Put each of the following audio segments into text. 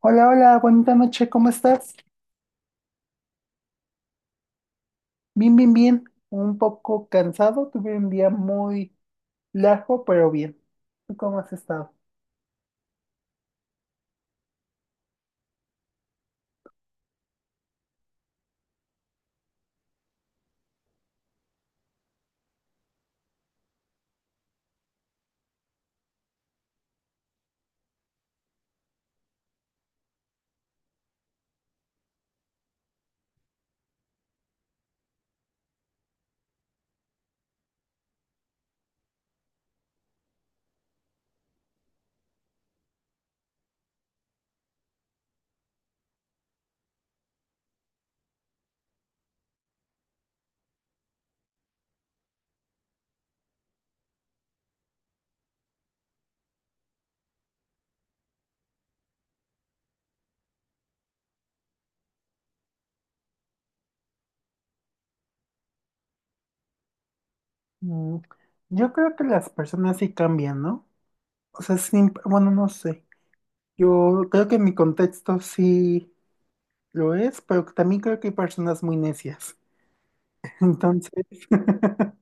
Hola, hola, bonita noche, ¿cómo estás? Bien, bien. Un poco cansado, tuve un día muy largo, pero bien. ¿Tú cómo has estado? Mm. Yo creo que las personas sí cambian, ¿no? O sea, siempre, bueno, no sé. Yo creo que en mi contexto sí lo es, pero también creo que hay personas muy necias. Entonces,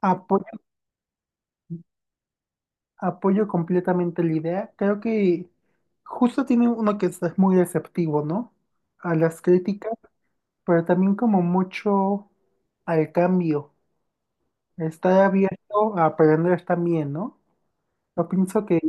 apoyo, apoyo completamente la idea. Creo que justo tiene uno que es muy receptivo, ¿no? A las críticas, pero también como mucho al cambio, estar abierto a aprender también, ¿no? Yo pienso que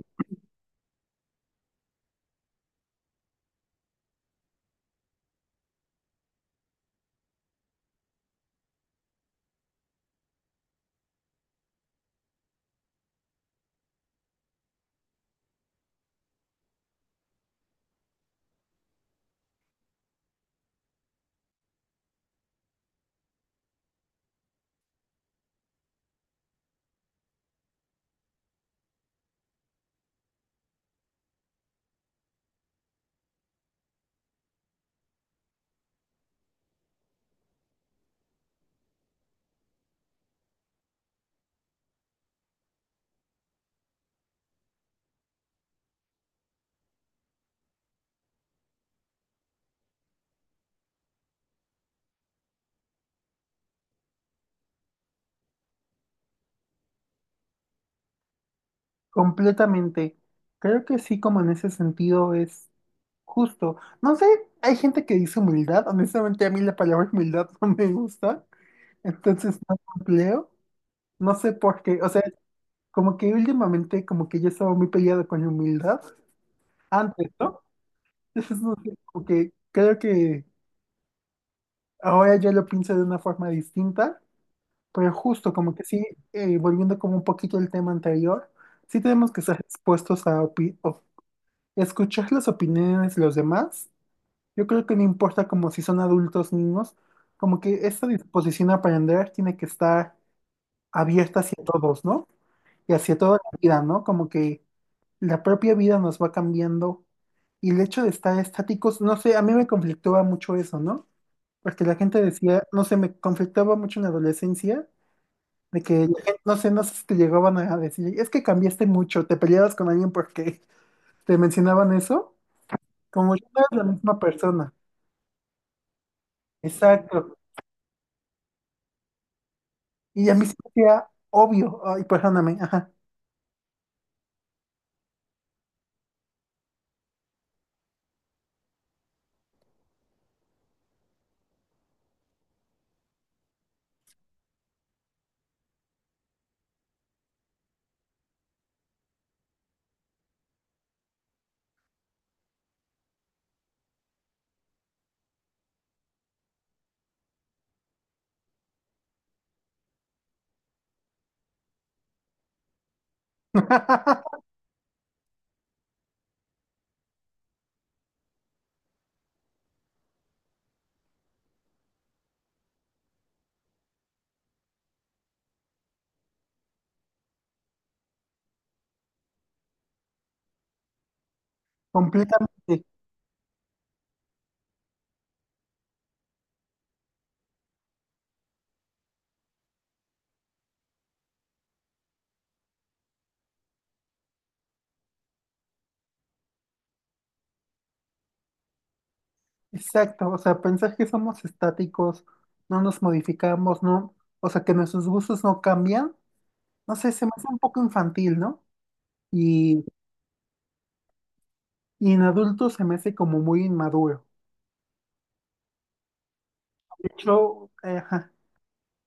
completamente, creo que sí, como en ese sentido es justo. No sé, hay gente que dice humildad, honestamente a mí la palabra humildad no me gusta, entonces no la empleo, no sé por qué, o sea, como que últimamente como que yo estaba muy peleado con la humildad antes, ¿no? Entonces, no sé, como que creo que ahora yo lo pienso de una forma distinta. Pero justo como que sí, volviendo como un poquito al tema anterior, sí tenemos que estar expuestos a escuchar las opiniones de los demás. Yo creo que no importa como si son adultos, niños, como que esta disposición a aprender tiene que estar abierta hacia todos, ¿no? Y hacia toda la vida, ¿no? Como que la propia vida nos va cambiando y el hecho de estar estáticos, no sé, a mí me conflictaba mucho eso, ¿no? Porque la gente decía, no sé, me conflictaba mucho en la adolescencia de que, no sé, no sé si te llegaban a decir, es que cambiaste mucho, te peleabas con alguien porque te mencionaban eso, como ya no eres la misma persona. Exacto. Y a mí se me hacía obvio, ay, perdóname, ajá. Completamente. Exacto. O sea, pensar que somos estáticos, no nos modificamos, no, o sea, que nuestros gustos no cambian, no sé, se me hace un poco infantil, ¿no? Y, y en adultos se me hace como muy inmaduro. De hecho, ajá,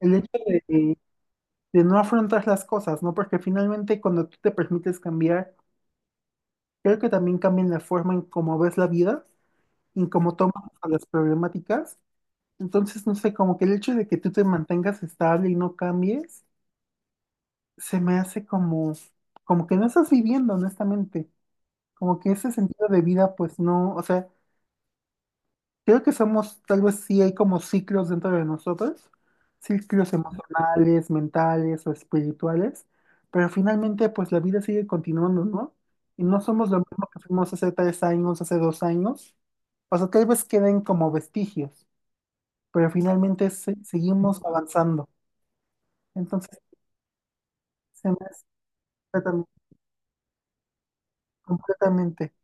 el hecho de no afrontar las cosas, ¿no? Porque finalmente cuando tú te permites cambiar, creo que también cambia la forma en cómo ves la vida, en cómo tomas a las problemáticas. Entonces, no sé, como que el hecho de que tú te mantengas estable y no cambies, se me hace como, como que no estás viviendo, honestamente. Como que ese sentido de vida, pues no, o sea, creo que somos, tal vez sí hay como ciclos dentro de nosotros, ciclos emocionales, mentales o espirituales, pero finalmente pues la vida sigue continuando, ¿no? Y no somos lo mismo que fuimos hace tres años, hace dos años, o sea, tal vez queden como vestigios, pero finalmente seguimos avanzando. Entonces, se me hace completam- completamente.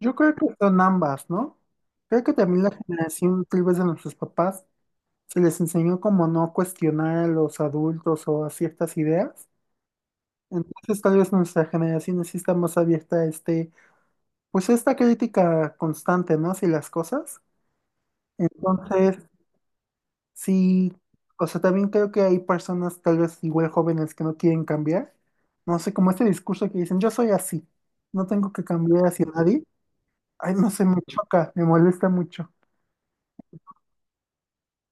Yo creo que son ambas, ¿no? Creo que también la generación tal vez de nuestros papás se les enseñó como no cuestionar a los adultos o a ciertas ideas. Entonces tal vez nuestra generación sí está más abierta a este, pues a esta crítica constante, ¿no? Si las cosas. Entonces, sí, o sea, también creo que hay personas tal vez igual jóvenes que no quieren cambiar. No sé, como este discurso que dicen, yo soy así, no tengo que cambiar hacia nadie. Ay, no sé, me choca, me molesta mucho.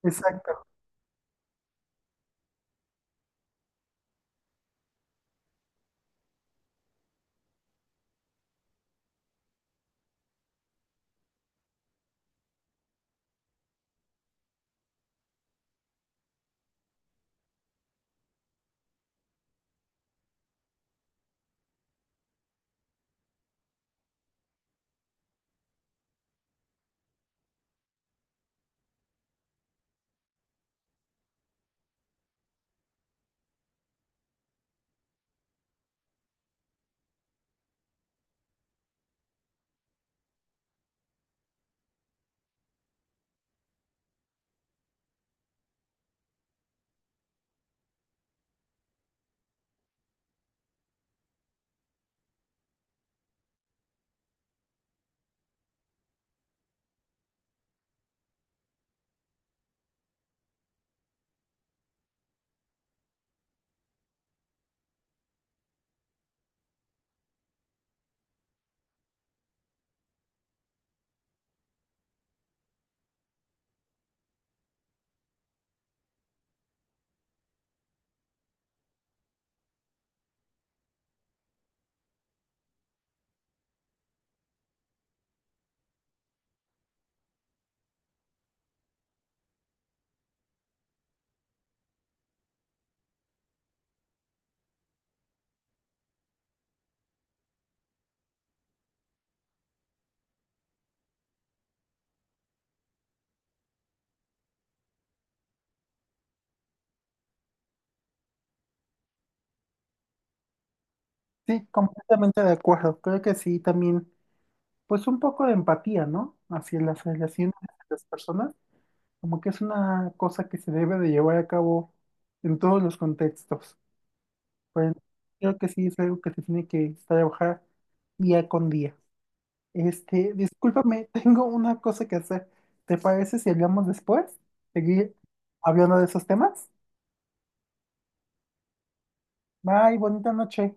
Exacto. Sí, completamente de acuerdo. Creo que sí, también pues un poco de empatía, ¿no? Hacia las relaciones de las personas, como que es una cosa que se debe de llevar a cabo en todos los contextos. Pues creo que sí es algo que se tiene que trabajar día con día. Este, discúlpame, tengo una cosa que hacer. ¿Te parece si hablamos después? Seguir hablando de esos temas. Bye, bonita noche.